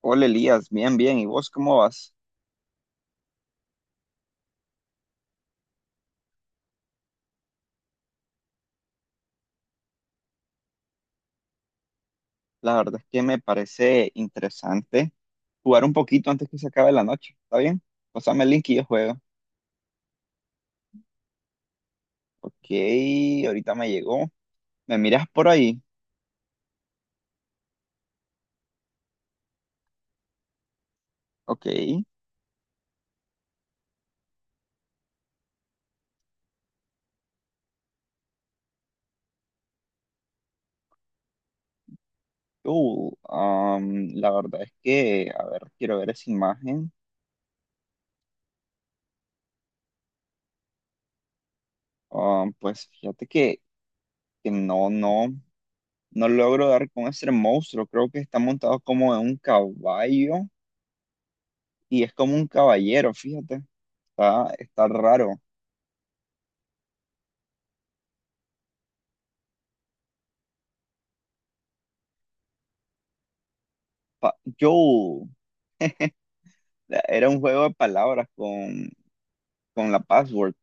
Hola Elías, bien, bien. ¿Y vos cómo vas? La verdad es que me parece interesante jugar un poquito antes que se acabe la noche. ¿Está bien? Pásame el link y yo juego. Ok, ahorita me llegó. ¿Me miras por ahí? Ok. La verdad es que, a ver, quiero ver esa imagen. Pues fíjate que no logro dar con ese monstruo. Creo que está montado como en un caballo y es como un caballero, fíjate. Está raro. Yo. Era un juego de palabras con la password.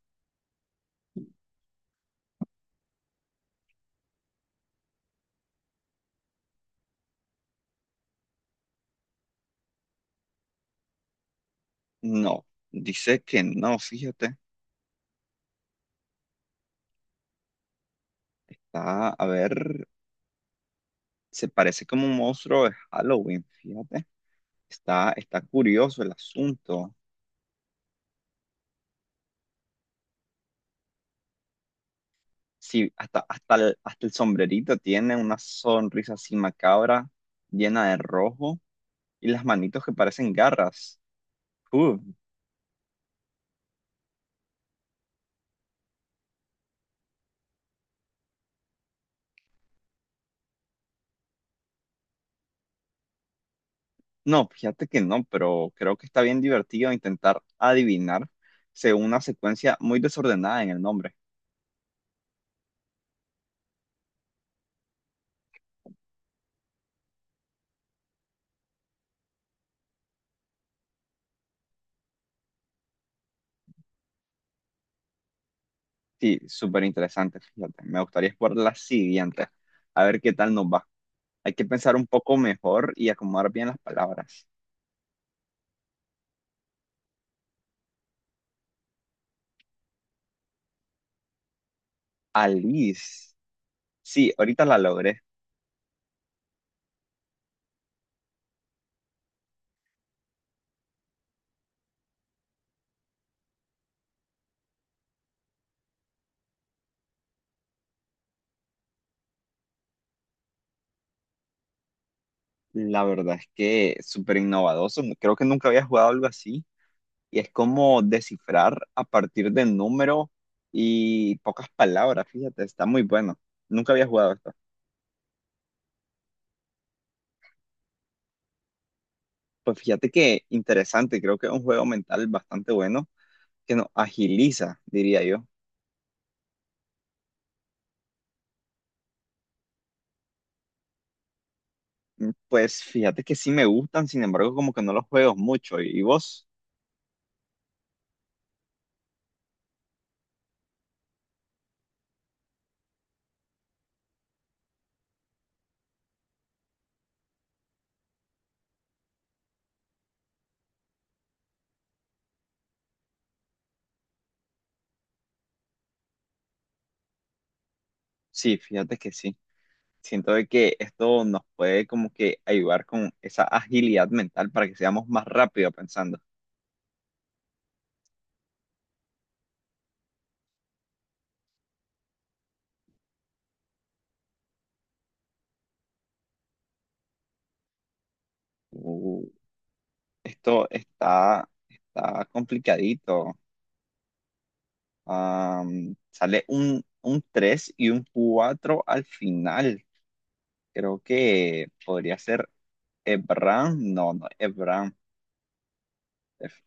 No, dice que no, fíjate. Está, a ver, se parece como un monstruo de Halloween, fíjate. Está curioso el asunto. Sí, hasta el sombrerito tiene una sonrisa así macabra, llena de rojo, y las manitos que parecen garras. Uh, no, fíjate que no, pero creo que está bien divertido intentar adivinar según una secuencia muy desordenada en el nombre. Sí, súper interesante, fíjate. Me gustaría explorar la siguiente. A ver qué tal nos va. Hay que pensar un poco mejor y acomodar bien las palabras. Alice. Sí, ahorita la logré. La verdad es que súper innovadoso. Creo que nunca había jugado algo así. Y es como descifrar a partir de número y pocas palabras, fíjate. Está muy bueno. Nunca había jugado esto. Pues fíjate que interesante. Creo que es un juego mental bastante bueno que nos agiliza, diría yo. Pues fíjate que sí me gustan, sin embargo, como que no los juego mucho. ¿Y vos? Sí, fíjate que sí. Siento de que esto nos puede como que ayudar con esa agilidad mental para que seamos más rápido pensando. Uh, esto está complicadito. Sale un 3 y un 4 al final. Creo que podría ser Ebram. No, no, Ebram. Ef-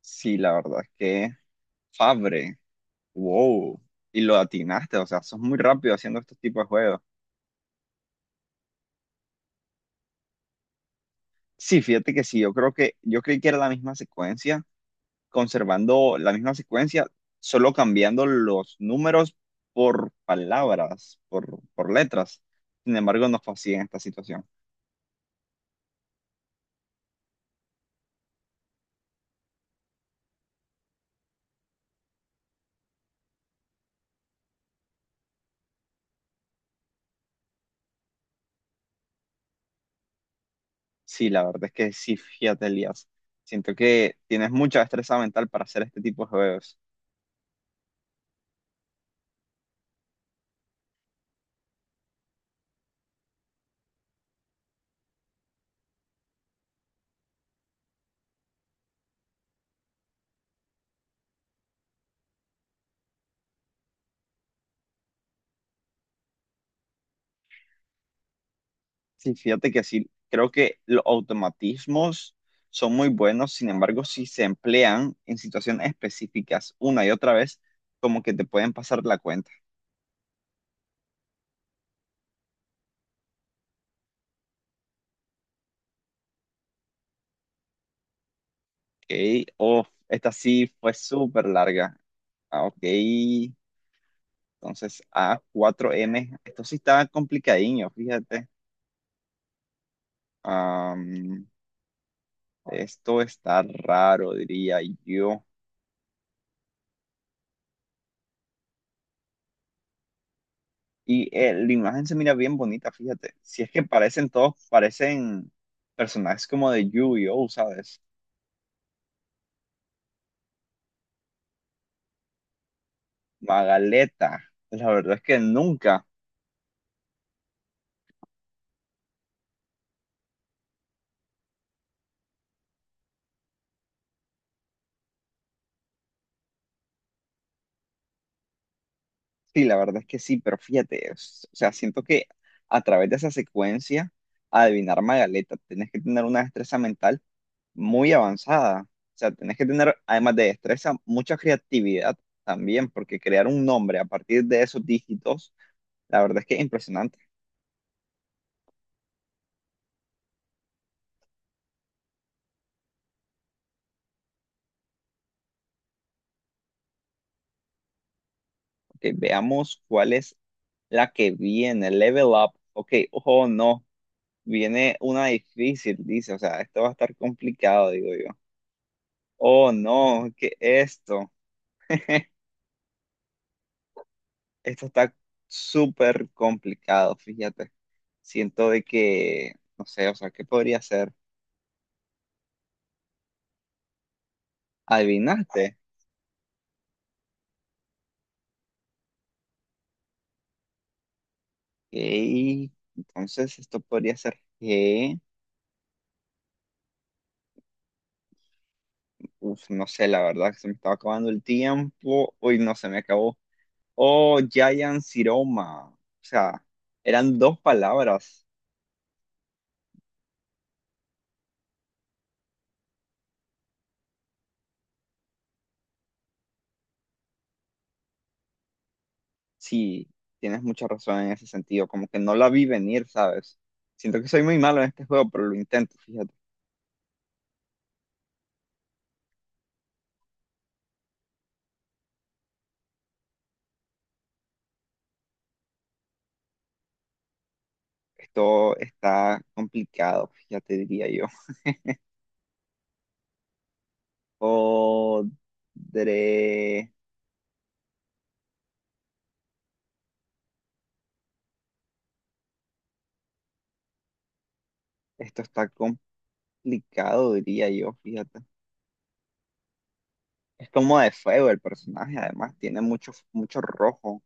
Sí, la verdad es que Fabre. Wow, y lo atinaste, o sea, sos muy rápido haciendo estos tipos de juegos. Sí, fíjate que sí, yo creo que yo creí que era la misma secuencia, conservando la misma secuencia, solo cambiando los números por palabras, por letras. Sin embargo, no fue así en esta situación. Sí, la verdad es que sí, fíjate, Elías. Siento que tienes mucha destreza mental para hacer este tipo de juegos. Sí, fíjate que sí, creo que los automatismos son muy buenos, sin embargo, si se emplean en situaciones específicas una y otra vez, como que te pueden pasar la cuenta, ¿ok? Oh, esta sí fue súper larga, ah, ok, entonces a cuatro m esto sí está complicadiño, fíjate. Am, esto está raro, diría yo. La imagen se mira bien bonita, fíjate. Si es que parecen todos, parecen personajes como de Yu-Gi-Oh, ¿sabes? Magaleta. La verdad es que nunca. Sí, la verdad es que sí, pero fíjate, es- o sea, siento que a través de esa secuencia, adivinar Magaleta, tenés que tener una destreza mental muy avanzada. O sea, tenés que tener, además de destreza, mucha creatividad también, porque crear un nombre a partir de esos dígitos, la verdad es que es impresionante. Ok, veamos cuál es la que viene. Level up. Ok, ojo, no. Viene una difícil, dice. O sea, esto va a estar complicado, digo yo. Oh, no, ¿qué es esto? Esto está súper complicado, fíjate. Siento de que, no sé, o sea, ¿qué podría ser? ¿Adivinaste? Ok, entonces esto podría ser que, uf, no sé, la verdad que se me estaba acabando el tiempo. Uy, no, se me acabó. O Giant Ciroma. O sea, eran dos palabras. Sí, tienes mucha razón en ese sentido. Como que no la vi venir, ¿sabes? Siento que soy muy malo en este juego, pero lo intento, fíjate. Esto está complicado, fíjate, diría yo. Podré... Esto está complicado, diría yo, fíjate. Es como de fuego el personaje, además. Tiene mucho, mucho rojo.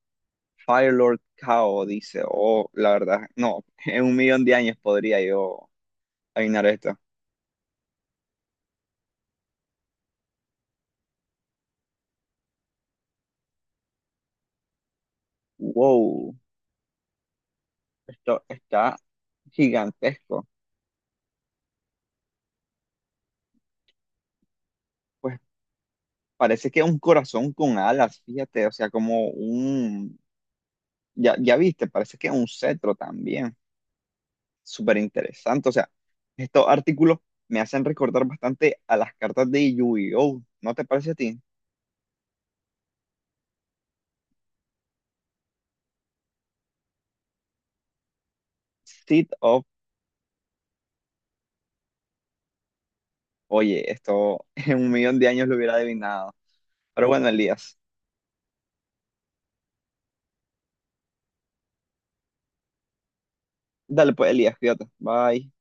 Firelord Kao dice, oh, la verdad, no, en un millón de años podría yo adivinar esto. Wow, esto está gigantesco. Pues parece que es un corazón con alas, fíjate, o sea, como un, ya, ya viste, parece que es un cetro también. Súper interesante, o sea, estos artículos me hacen recordar bastante a las cartas de Yu-Gi-Oh! ¿No te parece a ti? Seed of, oye, esto en 1 millón de años lo hubiera adivinado. Pero bueno, Elías, dale pues, Elías, fíjate, bye.